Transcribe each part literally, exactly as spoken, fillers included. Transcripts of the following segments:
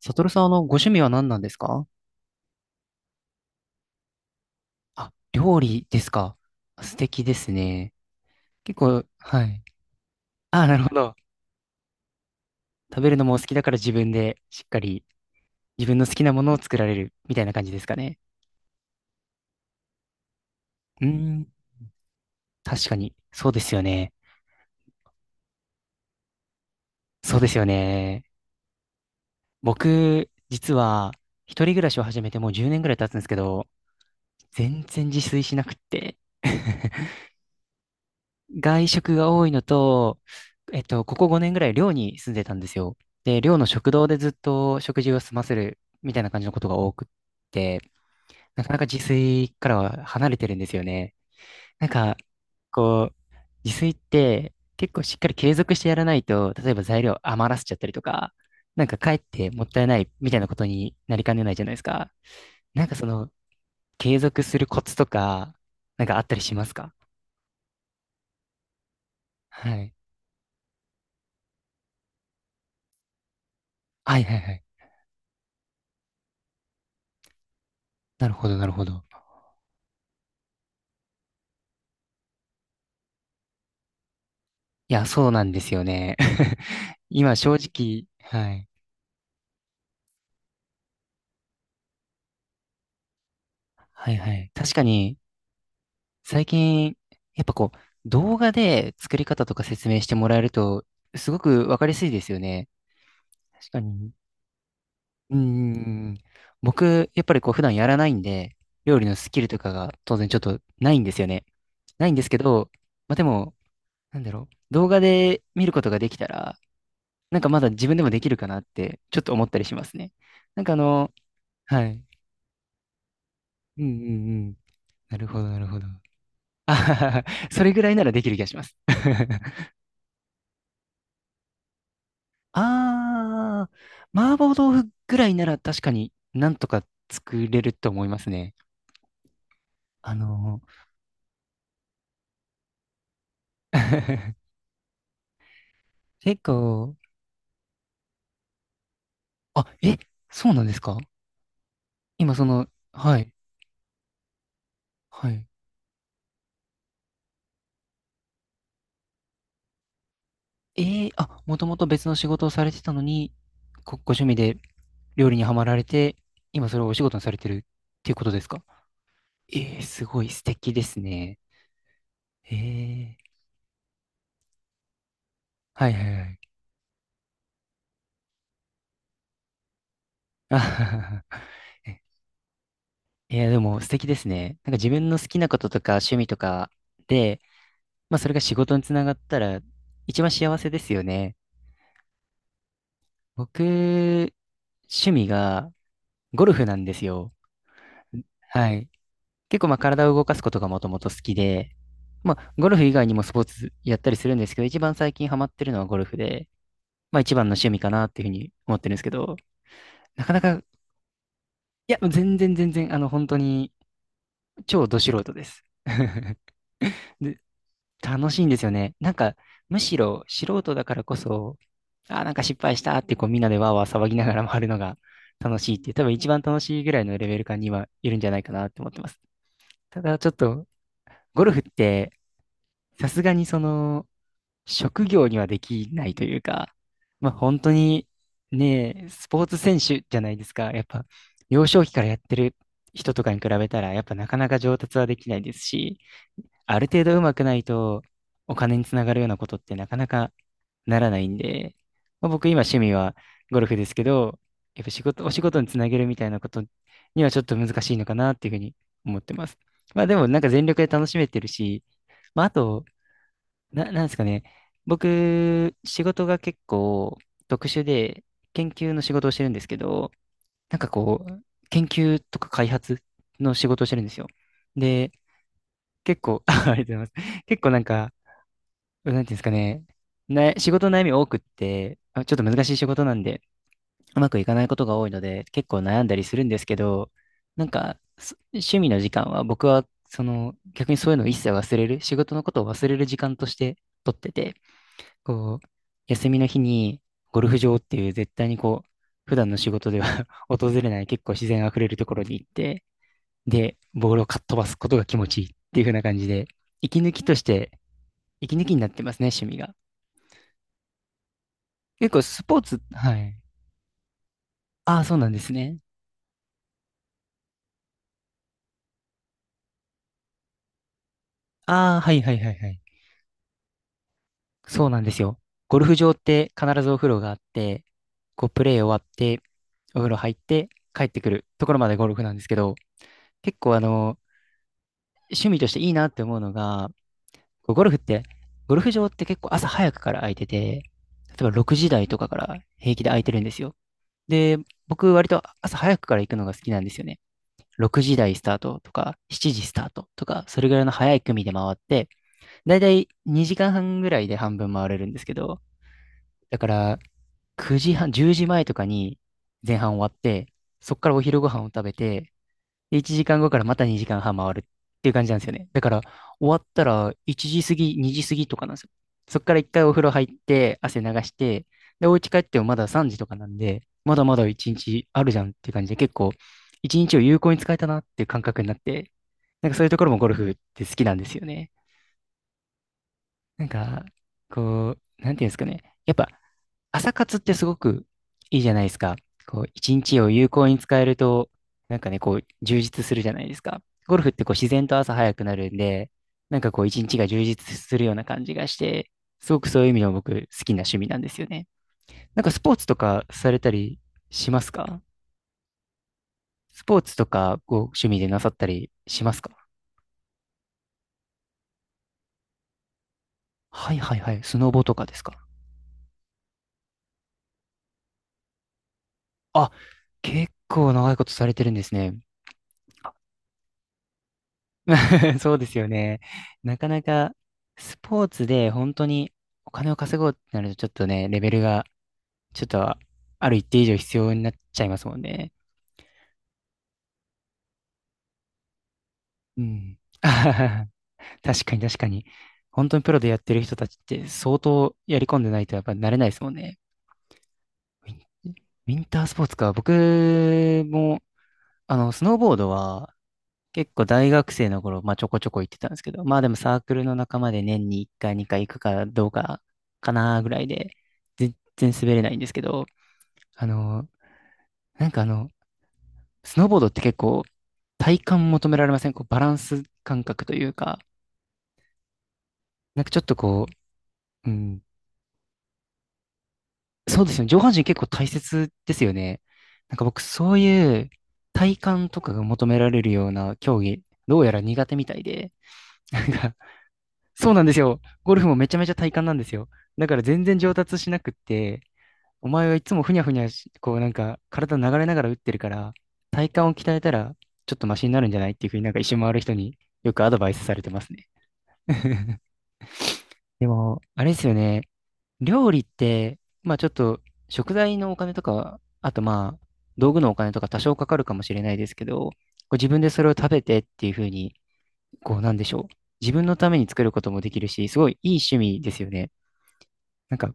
サトルさん、あの、ご趣味は何なんですか？あ、料理ですか。素敵ですね。結構、はい。あ、なるほど。食べるのもお好きだから自分でしっかり自分の好きなものを作られるみたいな感じですかね。うーん、確かに。そうですよね。そうですよね。僕、実は、一人暮らしを始めてもうじゅうねんぐらい経つんですけど、全然自炊しなくって。外食が多いのと、えっと、ここごねんぐらい寮に住んでたんですよ。で、寮の食堂でずっと食事を済ませるみたいな感じのことが多くって、なかなか自炊からは離れてるんですよね。なんか、こう、自炊って結構しっかり継続してやらないと、例えば材料余らせちゃったりとか、なんかかえってもったいないみたいなことになりかねないじゃないですか。なんかその、継続するコツとか、なんかあったりしますか？はい。はいはいはい。なるほど、なるほど。いや、そうなんですよね。今、正直、はい。はいはい。確かに、最近、やっぱこう、動画で作り方とか説明してもらえると、すごくわかりやすいですよね。確かに。うんうんうん。僕、やっぱりこう、普段やらないんで、料理のスキルとかが当然ちょっとないんですよね。ないんですけど、まあ、でも、なんだろう。動画で見ることができたら、なんかまだ自分でもできるかなって、ちょっと思ったりしますね。なんかあの、はい。うんうんうん。なるほど、なるほど。あはははそれぐらいならできる気がします。あー、麻婆豆腐ぐらいなら確かになんとか作れると思いますね。あのー、結構、あ、え、そうなんですか？今その、はい、はい。えー、あ、もともと別の仕事をされてたのに、ご、ご趣味で料理にはまられて、今それをお仕事にされてるっていうことですか？えー、すごい素敵ですね。えー、はいはいはい。あ えいや、でも素敵ですね。なんか自分の好きなこととか趣味とかで、まあそれが仕事につながったら一番幸せですよね。僕、趣味がゴルフなんですよ。はい。結構まあ体を動かすことがもともと好きで、まあゴルフ以外にもスポーツやったりするんですけど、一番最近ハマってるのはゴルフで、まあ一番の趣味かなっていうふうに思ってるんですけど、なかなか、いや、全然全然、あの本当に超ど素人です。楽しいんですよね。なんか、むしろ素人だからこそ、あー、なんか失敗したってこうみんなでわーわー騒ぎながら回るのが楽しいっていう、多分一番楽しいぐらいのレベル感にはいるんじゃないかなって思ってます。ただちょっと、ゴルフって、さすがにその、職業にはできないというか、まあ本当にね、スポーツ選手じゃないですか。やっぱ、幼少期からやってる人とかに比べたら、やっぱなかなか上達はできないですし、ある程度上手くないと、お金につながるようなことってなかなかならないんで、まあ、僕今趣味はゴルフですけど、やっぱ仕事、お仕事につなげるみたいなことにはちょっと難しいのかなっていうふうに思ってます。まあでもなんか全力で楽しめてるし、まああと、な、なんですかね、僕、仕事が結構特殊で研究の仕事をしてるんですけど、なんかこう、研究とか開発の仕事をしてるんですよ。で、結構、ありがとうございます。結構なんか、なんていうんですかね。な、仕事の悩み多くって、あ、ちょっと難しい仕事なんで、うまくいかないことが多いので、結構悩んだりするんですけど、なんか、そ趣味の時間は僕は、その、逆にそういうのを一切忘れる、仕事のことを忘れる時間として取ってて、こう、休みの日にゴルフ場っていう絶対にこう、普段の仕事では 訪れない結構自然あふれるところに行って、で、ボールをかっ飛ばすことが気持ちいいっていう風な感じで、息抜きとして、息抜きになってますね、趣味が。結構スポーツ、はい。ああ、そうなんですね。ああ、はいはいはいはい。そうなんですよ。ゴルフ場って必ずお風呂があって、こうプレー終わって、お風呂入って帰ってくるところまでゴルフなんですけど、結構あの、趣味としていいなって思うのが、こうゴルフって、ゴルフ場って結構朝早くから空いてて、例えばろくじ台とかから平気で空いてるんですよ。で、僕割と朝早くから行くのが好きなんですよね。ろくじ台スタートとか、しちじスタートとか、それぐらいの早い組で回って、だいたいにじかんはんぐらいで半分回れるんですけど、だからくじはん、じゅうじまえとかに前半終わって、そっからお昼ご飯を食べて、でいちじかんごからまたにじかんはん回るっていう感じなんですよね。だから終わったらいちじ過ぎ、にじ過ぎとかなんですよ。そっから一回お風呂入って汗流して、で、お家帰ってもまださんじとかなんで、まだまだいちにちあるじゃんっていう感じで結構いちにちを有効に使えたなっていう感覚になって、なんかそういうところもゴルフって好きなんですよね。なんか、こう、なんていうんですかね。やっぱ、朝活ってすごくいいじゃないですか。こう、一日を有効に使えると、なんかね、こう、充実するじゃないですか。ゴルフってこう、自然と朝早くなるんで、なんかこう、一日が充実するような感じがして、すごくそういう意味でも僕、好きな趣味なんですよね。なんか、スポーツとかされたりしますか？スポーツとか、こう、趣味でなさったりしますか？はいはいはい。スノボとかですか？あ、結構長いことされてるんですね。そうですよね。なかなかスポーツで本当にお金を稼ごうってなるとちょっとね、レベルがちょっとある一定以上必要になっちゃいますもんね。うん。確かに確かに。本当にプロでやってる人たちって相当やり込んでないとやっぱ慣れないですもんね。ウィンタースポーツか。僕も、あの、スノーボードは結構大学生の頃、まあちょこちょこ行ってたんですけど、まあでもサークルの仲間で年にいっかいにかい行くかどうかかなぐらいで、全然滑れないんですけど、あの、なんかあの、スノーボードって結構体感求められません？こうバランス感覚というか、なんかちょっとこう、うん、そうですよね。上半身結構大切ですよね。なんか僕そういう体感とかが求められるような競技、どうやら苦手みたいで、なんかそうなんですよ。ゴルフもめちゃめちゃ体幹なんですよ。だから全然上達しなくって、お前はいつもふにゃふにゃし、こうなんか体流れながら打ってるから、体幹を鍛えたらちょっとマシになるんじゃないっていうふうになんか一周回る人によくアドバイスされてますね。でも、あれですよね。料理って、まあちょっと食材のお金とか、あとまあ道具のお金とか多少かかるかもしれないですけど、こう自分でそれを食べてっていうふうに、こうなんでしょう。自分のために作ることもできるし、すごいいい趣味ですよね。なんか、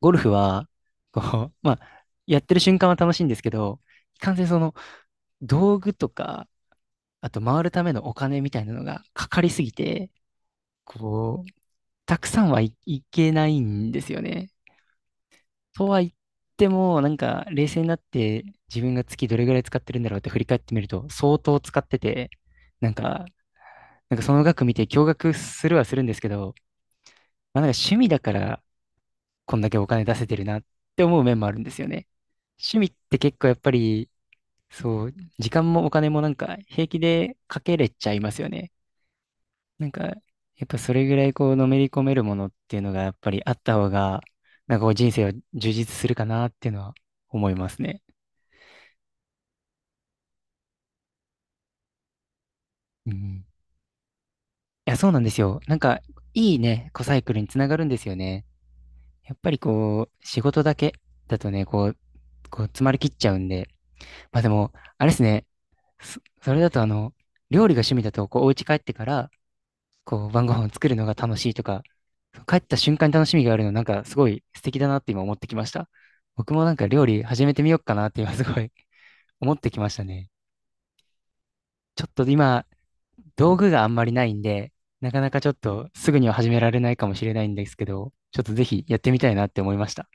ゴルフは、こう、まあ、やってる瞬間は楽しいんですけど、いかんせんその、道具とか、あと回るためのお金みたいなのがかかりすぎて、こう、たくさんはい、いけないんですよね。とは言っても、なんか、冷静になって自分が月どれぐらい使ってるんだろうって振り返ってみると、相当使ってて、なんか、なんかその額見て驚愕するはするんですけど、まあ、なんか趣味だからこんだけお金出せてるなって思う面もあるんですよね。趣味って結構やっぱり、そう、時間もお金もなんか平気でかけれちゃいますよね。なんか、やっぱそれぐらいこうのめり込めるものっていうのがやっぱりあった方が、なんかこう人生を充実するかなっていうのは思いますね。うん。いや、そうなんですよ。なんか、いいね、コサイクルにつながるんですよね。やっぱりこう、仕事だけだとね、こう、こう詰まりきっちゃうんで、まあでも、あれですね。そ、それだとあの、料理が趣味だと、こう、お家帰ってから、こう、晩ご飯を作るのが楽しいとか、帰った瞬間に楽しみがあるの、なんかすごい素敵だなって今思ってきました。僕もなんか料理始めてみようかなって今すごい 思ってきましたね。ちょっと今、道具があんまりないんで、なかなかちょっとすぐには始められないかもしれないんですけど、ちょっとぜひやってみたいなって思いました。